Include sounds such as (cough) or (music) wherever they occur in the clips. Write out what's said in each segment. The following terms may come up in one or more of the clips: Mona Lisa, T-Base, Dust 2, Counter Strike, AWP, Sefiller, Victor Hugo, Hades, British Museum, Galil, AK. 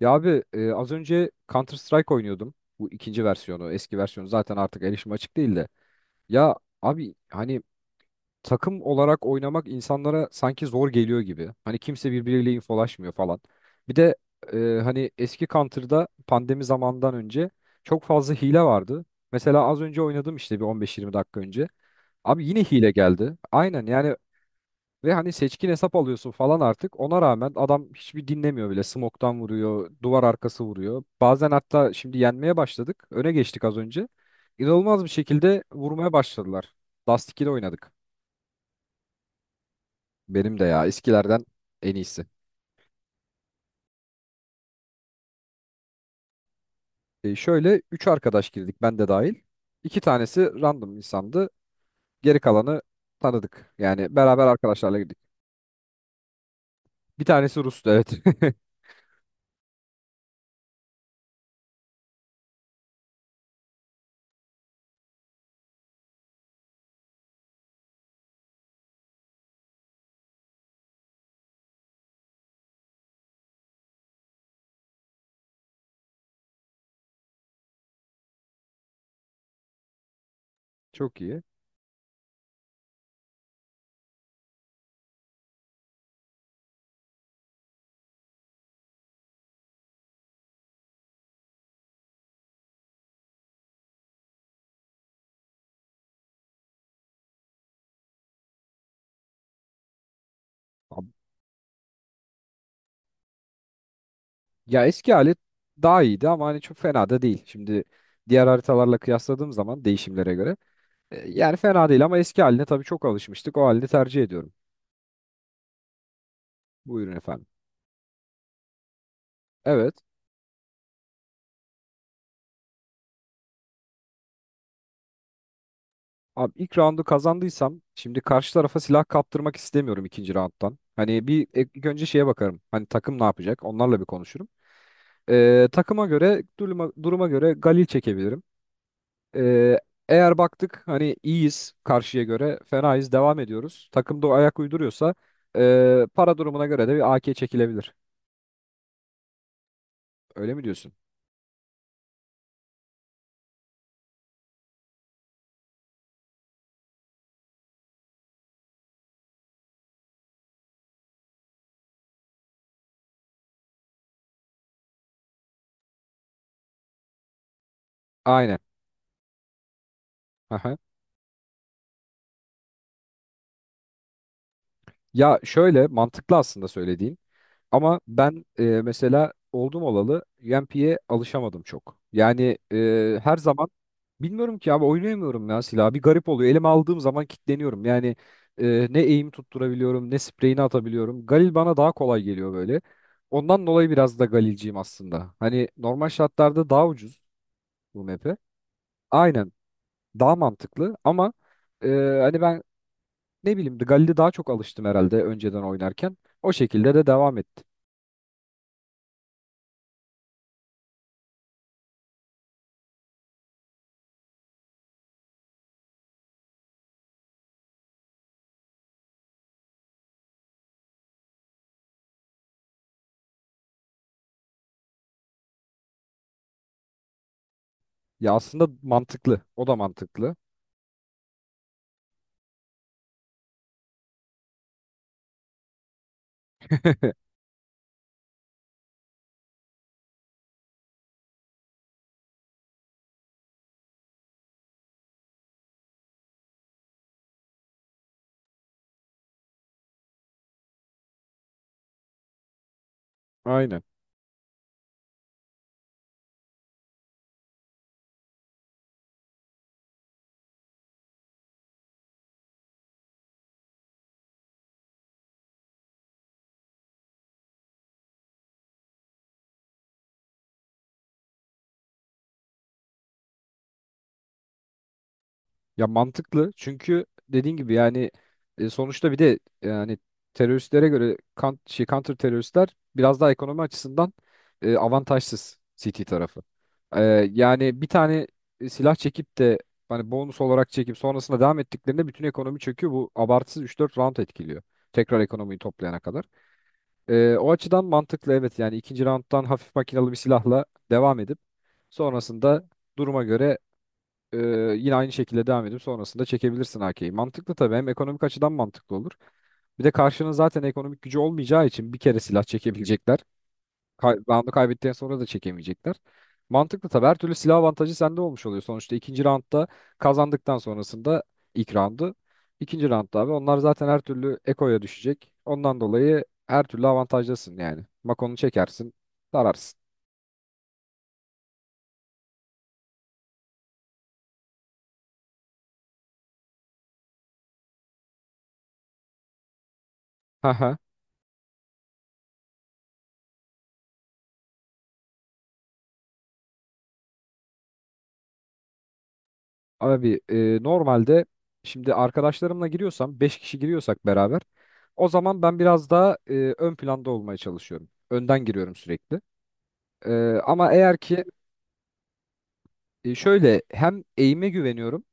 Ya abi az önce Counter Strike oynuyordum. Bu ikinci versiyonu, eski versiyonu zaten artık erişim açık değil de. Ya abi hani takım olarak oynamak insanlara sanki zor geliyor gibi. Hani kimse birbiriyle infolaşmıyor falan. Bir de e, hani eski Counter'da pandemi zamandan önce çok fazla hile vardı. Mesela az önce oynadım işte bir 15-20 dakika önce. Abi yine hile geldi. Aynen yani ve hani seçkin hesap alıyorsun falan artık. Ona rağmen adam hiçbir dinlemiyor bile. Smoke'tan vuruyor, duvar arkası vuruyor. Bazen hatta şimdi yenmeye başladık. Öne geçtik az önce. İnanılmaz bir şekilde vurmaya başladılar. Dust 2'de oynadık. Benim de ya, eskilerden en iyisi. E şöyle 3 arkadaş girdik ben de dahil. 2 tanesi random insandı. Geri kalanı tanıdık. Yani beraber arkadaşlarla girdik. Bir tanesi Rus'tu evet. (laughs) Çok iyi. Ya eski hali daha iyiydi ama hani çok fena da değil. Şimdi diğer haritalarla kıyasladığım zaman değişimlere göre yani fena değil ama eski haline tabii çok alışmıştık. O halini tercih ediyorum. Buyurun efendim. Evet. Abi ilk roundu kazandıysam şimdi karşı tarafa silah kaptırmak istemiyorum ikinci rounddan. Hani bir ilk önce şeye bakarım. Hani takım ne yapacak? Onlarla bir konuşurum. Takıma göre duruma göre Galil çekebilirim. Ee, eğer baktık hani iyiyiz, karşıya göre fenayız devam ediyoruz. Takım da o ayak uyduruyorsa para durumuna göre de bir AK çekilebilir. Öyle mi diyorsun? Aynen. Aha. Ya şöyle mantıklı aslında söylediğin. Ama ben mesela oldum olalı yempiye alışamadım çok. Yani her zaman bilmiyorum ki abi, oynayamıyorum ya silahı. Bir garip oluyor. Elime aldığım zaman kilitleniyorum. Yani ne eğim tutturabiliyorum ne spreyini atabiliyorum. Galil bana daha kolay geliyor böyle. Ondan dolayı biraz da Galilciyim aslında. Hani normal şartlarda daha ucuz bu map'e. Aynen, daha mantıklı ama e, hani ben ne bileyim, Galil'e daha çok alıştım herhalde önceden oynarken. O şekilde de devam ettim. Ya aslında mantıklı. O da mantıklı. (laughs) Aynen. Ya mantıklı çünkü dediğin gibi yani sonuçta bir de yani teröristlere göre kan, şey, counter teröristler biraz daha ekonomi açısından avantajsız CT tarafı. E, yani bir tane silah çekip de hani bonus olarak çekip sonrasında devam ettiklerinde bütün ekonomi çöküyor. Bu abartısız üç dört round etkiliyor. Tekrar ekonomiyi toplayana kadar. O açıdan mantıklı, evet yani ikinci rounddan hafif makinalı bir silahla devam edip sonrasında duruma göre e, yine aynı şekilde devam edip sonrasında çekebilirsin AK'yi. Mantıklı tabii, hem ekonomik açıdan mantıklı olur. Bir de karşının zaten ekonomik gücü olmayacağı için bir kere silah çekebilecekler. Kay roundu kaybettikten sonra da çekemeyecekler. Mantıklı tabii. Her türlü silah avantajı sende olmuş oluyor. Sonuçta ikinci roundda kazandıktan sonrasında ilk roundu. İkinci roundda abi onlar zaten her türlü ekoya düşecek. Ondan dolayı her türlü avantajlısın yani. Makonu çekersin, sararsın. Haha. Abi normalde şimdi arkadaşlarımla giriyorsam, 5 kişi giriyorsak beraber, o zaman ben biraz daha ön planda olmaya çalışıyorum. Önden giriyorum sürekli. E, ama eğer ki şöyle, hem eğime güveniyorum.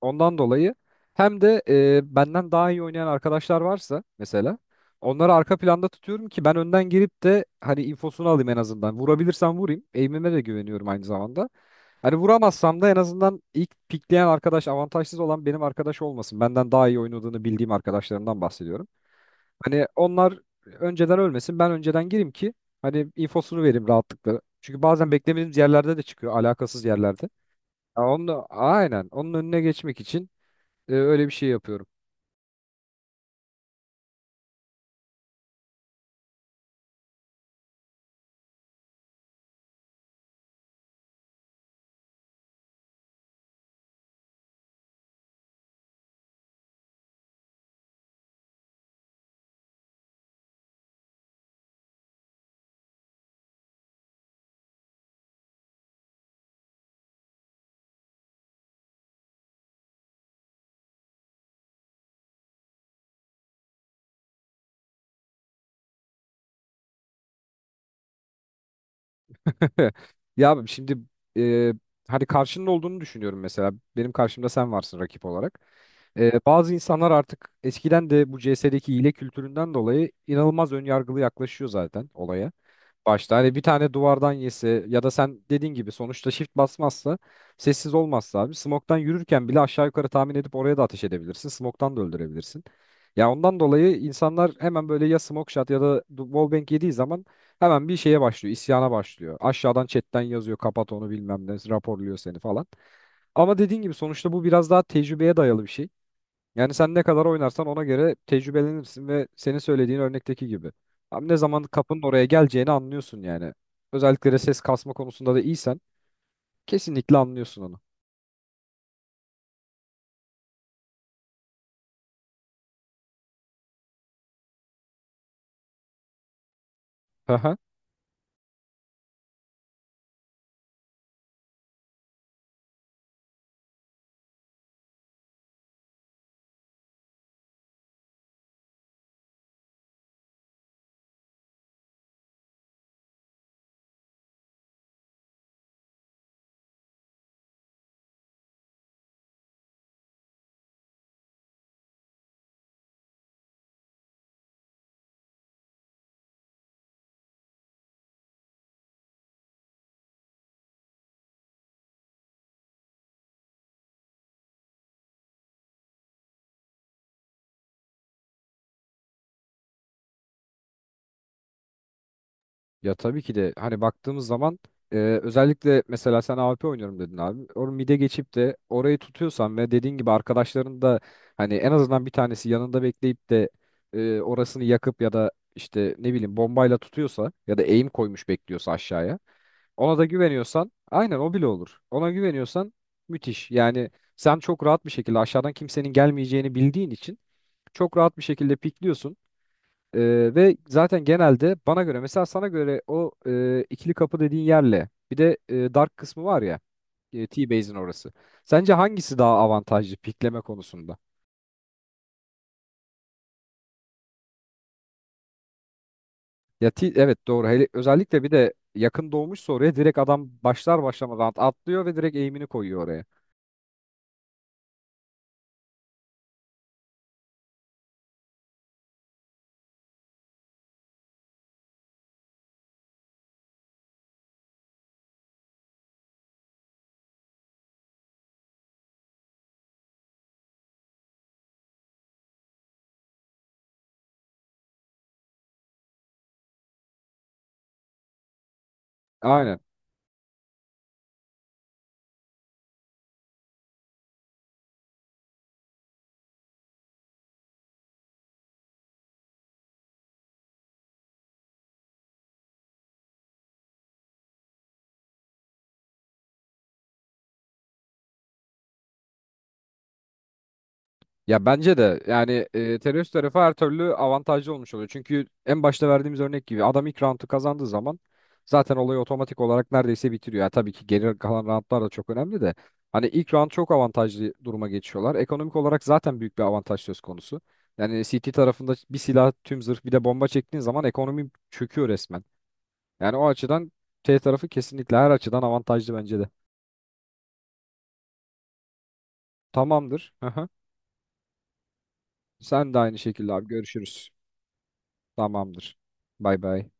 Ondan dolayı hem de benden daha iyi oynayan arkadaşlar varsa mesela, onları arka planda tutuyorum ki ben önden girip de hani infosunu alayım en azından. Vurabilirsem vurayım. Aim'ime de güveniyorum aynı zamanda. Hani vuramazsam da en azından ilk pikleyen arkadaş, avantajsız olan benim arkadaş olmasın. Benden daha iyi oynadığını bildiğim arkadaşlarımdan bahsediyorum. Hani onlar önceden ölmesin, ben önceden gireyim ki hani infosunu vereyim rahatlıkla. Çünkü bazen beklemediğimiz yerlerde de çıkıyor, alakasız yerlerde. Ya onu, aynen onun önüne geçmek için öyle bir şey yapıyorum. (laughs) Ya abi şimdi e, hani karşının olduğunu düşünüyorum mesela. Benim karşımda sen varsın rakip olarak. Bazı insanlar artık eskiden de bu CS'deki hile kültüründen dolayı inanılmaz önyargılı yaklaşıyor zaten olaya başta. Hani bir tane duvardan yese ya da sen dediğin gibi, sonuçta shift basmazsa, sessiz olmazsa abi, smoktan yürürken bile aşağı yukarı tahmin edip oraya da ateş edebilirsin. Smoktan da öldürebilirsin. Ya ondan dolayı insanlar hemen böyle ya smoke shot ya da wallbang yediği zaman hemen bir şeye başlıyor, isyana başlıyor. Aşağıdan chatten yazıyor, kapat onu bilmem ne, raporluyor seni falan. Ama dediğin gibi sonuçta bu biraz daha tecrübeye dayalı bir şey. Yani sen ne kadar oynarsan ona göre tecrübelenirsin ve senin söylediğin örnekteki gibi. Abi ne zaman kapının oraya geleceğini anlıyorsun yani. Özellikle de ses kasma konusunda da iyisen kesinlikle anlıyorsun onu. Aha. Ya tabii ki de hani baktığımız zaman e, özellikle mesela sen AWP oynuyorum dedin abi. Or mide geçip de orayı tutuyorsan ve dediğin gibi arkadaşların da hani en azından bir tanesi yanında bekleyip de orasını yakıp ya da işte ne bileyim bombayla tutuyorsa ya da aim koymuş bekliyorsa aşağıya. Ona da güveniyorsan, aynen o bile olur. Ona güveniyorsan müthiş. Yani sen çok rahat bir şekilde aşağıdan kimsenin gelmeyeceğini bildiğin için çok rahat bir şekilde pikliyorsun. Ve zaten genelde bana göre mesela, sana göre o ikili kapı dediğin yerle bir de dark kısmı var ya, T-Base'in orası. Sence hangisi daha avantajlı pikleme konusunda? Ya evet doğru. Hele, özellikle bir de yakın doğmuşsa oraya direkt adam başlar başlamadan atlıyor ve direkt eğimini koyuyor oraya. Aynen. Ya bence de yani terörist tarafı her türlü avantajlı olmuş oluyor. Çünkü en başta verdiğimiz örnek gibi adam ilk roundu kazandığı zaman zaten olayı otomatik olarak neredeyse bitiriyor. Yani tabii ki geri kalan roundlar da çok önemli de hani ilk round çok avantajlı duruma geçiyorlar. Ekonomik olarak zaten büyük bir avantaj söz konusu. Yani CT tarafında bir silah, tüm zırh bir de bomba çektiğin zaman ekonomi çöküyor resmen. Yani o açıdan T tarafı kesinlikle her açıdan avantajlı bence de. Tamamdır. Aha. Sen de aynı şekilde abi, görüşürüz. Tamamdır. Bay bay.